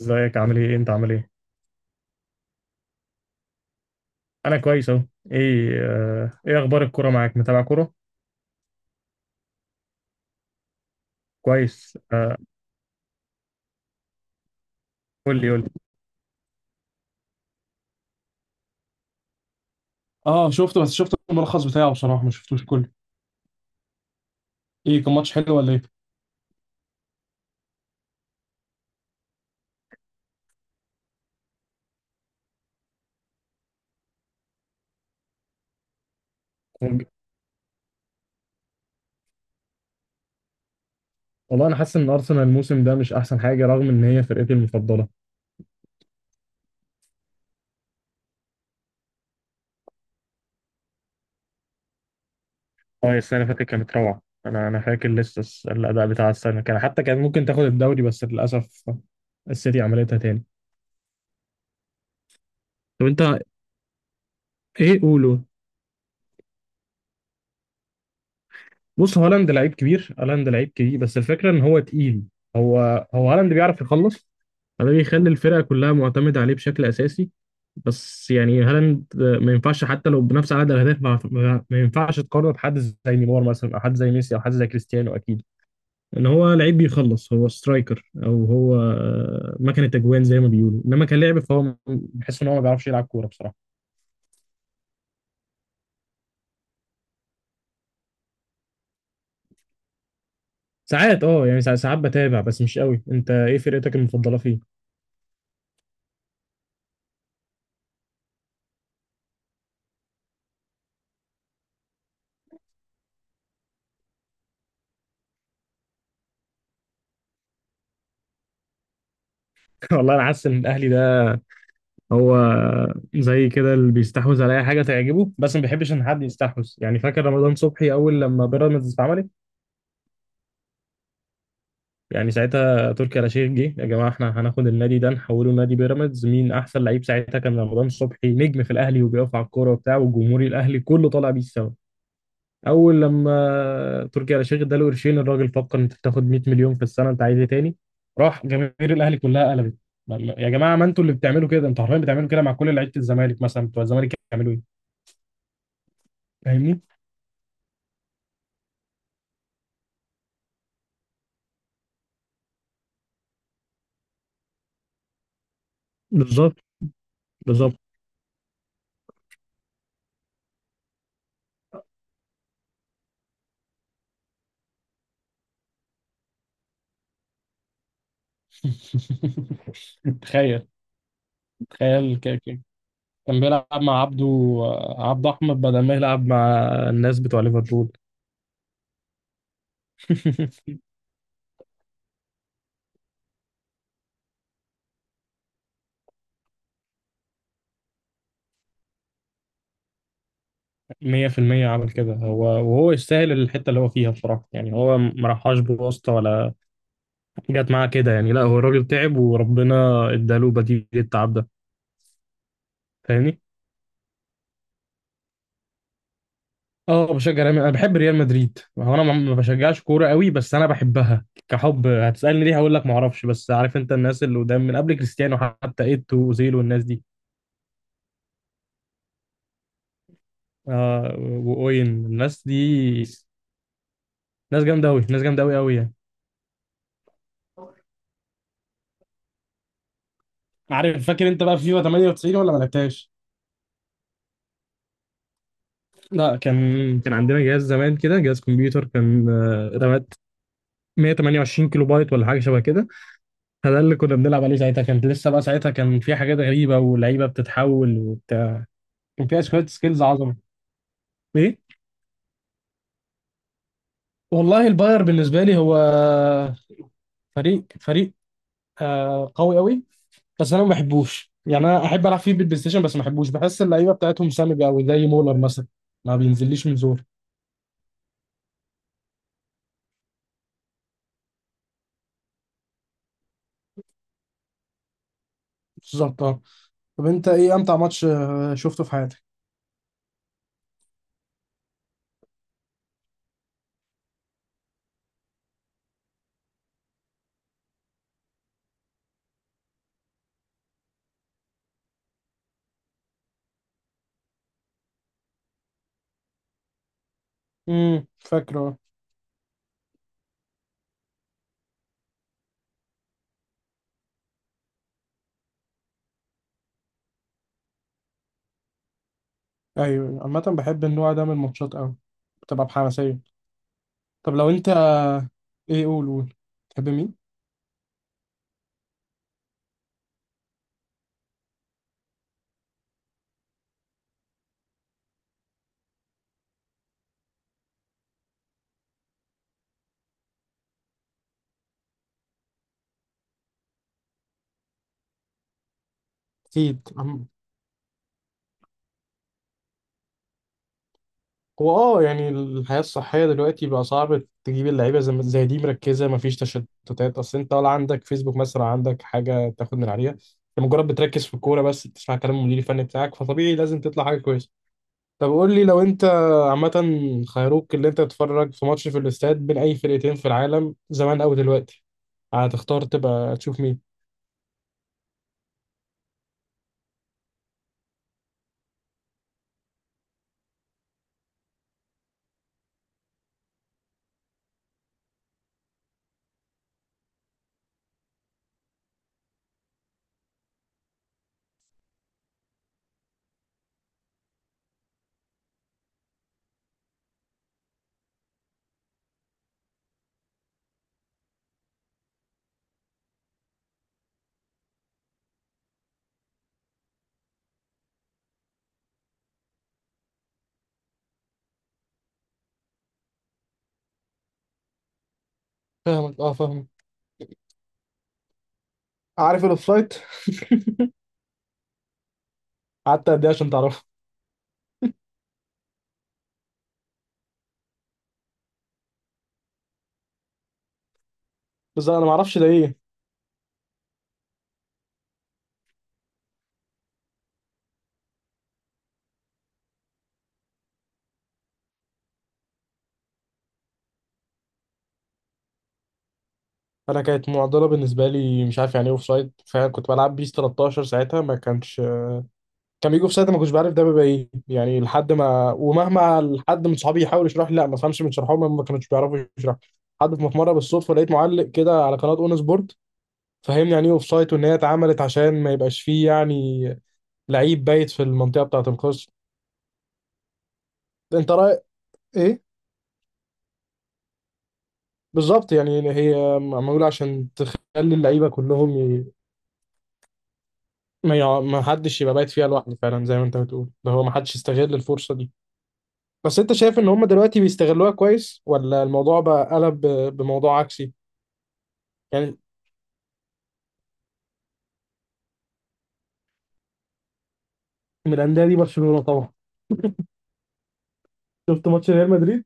ازيك؟ عامل ايه؟ انت عامل ايه؟ انا كويس اهو. ايه اخبار الكوره معاك؟ متابع كوره؟ كويس قول لي قول لي. اه شفته، بس شفت الملخص بتاعه بصراحه، ما شفتوش كله. ايه، كان ماتش حلو ولا ايه؟ وج- والله انا حاسس ان ارسنال الموسم ده مش احسن حاجه، رغم ان هي فرقتي المفضله. اه السنه اللي فاتت كانت روعه. انا فاكر لسه الاداء بتاع السنه، كان حتى كان ممكن تاخد الدوري، بس للاسف السيتي عملتها تاني. طب انت ايه؟ قوله. بص، هالاند لعيب كبير، هالاند لعيب كبير، بس الفكره ان هو تقيل. هو هالاند بيعرف يخلص، فده بيخلي الفرقه كلها معتمده عليه بشكل اساسي. بس يعني هالاند ما ينفعش، حتى لو بنفس عدد الاهداف ما ينفعش تقارنه بحد زي نيمار مثلا، او حد زي ميسي، او حد زي كريستيانو. اكيد ان هو لعيب بيخلص، هو سترايكر، او هو مكنه اجوان زي ما بيقولوا، انما كلاعب فهو بحس ان هو ما بيعرفش يلعب كوره بصراحه. ساعات اه، يعني ساعات بتابع بس مش قوي. انت ايه فرقتك المفضله فيه؟ والله انا حاسس ان الاهلي ده، هو زي كده اللي بيستحوذ على اي حاجه تعجبه، بس ما بيحبش ان حد يستحوذ. يعني فاكر رمضان صبحي اول لما بيراميدز اتعملت، يعني ساعتها تركي آل الشيخ جه: يا جماعه، احنا هناخد النادي ده، نحوله لنادي بيراميدز، مين احسن لعيب؟ ساعتها كان رمضان صبحي نجم في الاهلي، وبيقف على الكوره وبتاع، والجمهور الاهلي كله طالع بيه السما. اول لما تركي آل الشيخ اداله قرشين، الراجل فكر: انت بتاخد 100 مليون في السنه، انت عايز ايه تاني؟ راح جماهير الاهلي كلها قلبت: يا جماعه، ما انتوا اللي بتعملوا كده، انتوا حرفيا بتعملوا كده مع كل لعيبه. الزمالك مثلا، بتوع الزمالك يعملوا ايه؟ فاهمني؟ بالظبط. بالظبط. تخيل. تخيل، كان بيلعب مع عبده احمد، بدل ما يلعب مع الناس بتوع ليفربول. 100% عمل كده، هو وهو يستاهل الحته اللي هو فيها بصراحه. يعني هو ما راحش بواسطه ولا جت معاه كده. يعني لا، هو الراجل تعب، وربنا اداله بديل التعب ده. فاهمني؟ اه بشجع انا بحب ريال مدريد. هو انا ما بشجعش كوره قوي، بس انا بحبها كحب. هتسالني ليه؟ هقول لك ما اعرفش، بس عارف انت الناس اللي قدام من قبل كريستيانو حتى، ايتو واوزيل والناس دي. آه، واوين، الناس دي ناس جامده قوي، ناس جامده قوي قوي يعني. عارف، فاكر انت بقى فيفا 98 ولا ما لعبتهاش؟ لا، كان عندنا جهاز زمان كده، جهاز كمبيوتر، كان رامات 128 كيلو بايت ولا حاجه شبه كده. فده اللي كنا بنلعب عليه ساعتها. كانت لسه بقى ساعتها كان في حاجات غريبه ولعيبه بتتحول وبتاع، كان فيها شويه سكيلز عظمه. ايه، والله الباير بالنسبة لي هو فريق قوي قوي، بس أنا ما بحبوش. يعني أنا أحب ألعب فيه بالبلاي ستيشن، بس ما بحبوش، بحس اللعيبة بتاعتهم سامجة قوي زي مولر مثلا، ما بينزليش من زور. بالظبط، أه. طب أنت إيه أمتع ماتش شفته في حياتك؟ فاكره. أيوه، عامة بحب النوع ده من الماتشات قوي، بتبقى بحماسية. طب لو أنت، إيه، قول قول، تحب مين؟ أكيد. هو اه يعني الحياة الصحية دلوقتي بقى صعب تجيب اللعيبة زي ما- زي دي مركزة، مفيش تشتتات. أصل أنت ولا عندك فيسبوك مثلا، ولا عندك حاجة تاخد من عليها، أنت مجرد بتركز في الكورة بس، تسمع كلام المدير الفني بتاعك، فطبيعي لازم تطلع حاجة كويسة. طب قول لي، لو أنت، عامة، خيروك اللي أنت تتفرج في ماتش في الاستاد بين أي فرقتين في العالم، زمان أو دلوقتي، هتختار تبقى تشوف مين؟ فاهمك، اه فاهمك. عارف الأوفسايد؟ قعدت قد إيه عشان تعرفه؟ بس أنا معرفش ده إيه. انا كانت معضله بالنسبه لي، مش عارف يعني ايه اوف سايد. فعلا كنت بلعب بيس 13 ساعتها، ما كانش، كان بيجي اوف سايد ما كنتش بعرف ده بيبقى ايه يعني. لحد ما، ومهما حد من صحابي يحاول يشرح لي، لا ما فهمش من شرحهم، هم ما كانوش بيعرفوا يشرحوا. حد في مره بالصدفه لقيت معلق كده على قناه اون سبورت فهمني يعني ايه اوف سايد، وان هي اتعملت عشان ما يبقاش فيه يعني لعيب بايت في المنطقه بتاعه القوس. انت رايك ايه؟ بالظبط، يعني هي معموله عشان تخلي اللعيبه كلهم ما حدش يبقى بايت فيها لوحده، فعلا زي ما انت بتقول. ده هو، ما حدش يستغل الفرصة دي. بس انت شايف ان هم دلوقتي بيستغلوها كويس، ولا الموضوع بقى قلب بموضوع عكسي؟ يعني من الانديه دي برشلونة طبعا. شفت ماتش ريال مدريد؟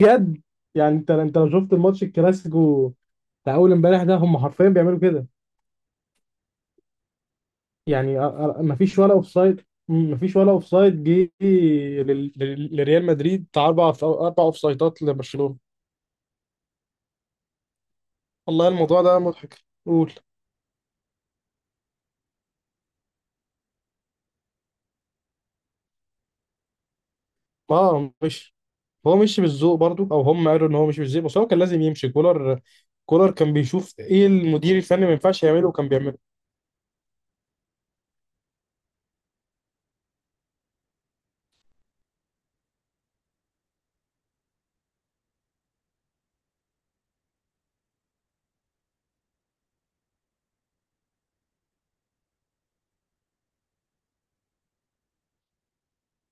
بجد. يعني انت لو شفت الماتش الكلاسيكو بتاع اول امبارح ده، هم حرفيا بيعملوا كده. يعني ما فيش ولا اوفسايد، ما فيش ولا اوفسايد جه لريال مدريد، بتاع اربع اوفسايدات لبرشلونة. والله الموضوع ده مضحك، قول. اه، مش هو مشي بالذوق برضو، او هم قالوا ان هو مشي بالذوق، بس هو كان لازم يمشي كولر. كولر كان بيشوف ايه المدير الفني ما ينفعش يعمله، وكان بيعمله.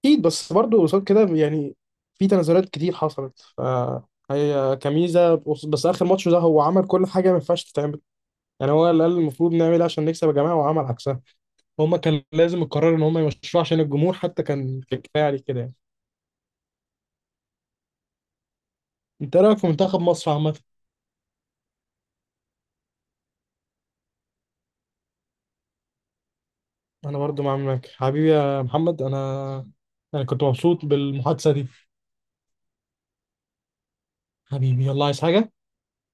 اكيد، بس برضو قصاد كده يعني في تنازلات كتير حصلت. هي كميزه، بس اخر ماتش ده هو عمل كل حاجه ما ينفعش تتعمل. يعني هو اللي قال المفروض نعمل إيه عشان نكسب يا جماعه، وعمل عكسها. هم كان لازم القرار ان هم يمشوه، عشان الجمهور حتى كان كفايه عليه كده يعني. انت إيه رايك في منتخب مصر عامه؟ انا برضو معاك حبيبي يا محمد. انا كنت مبسوط بالمحادثه دي. حبيبي، يلا، عايز حاجة؟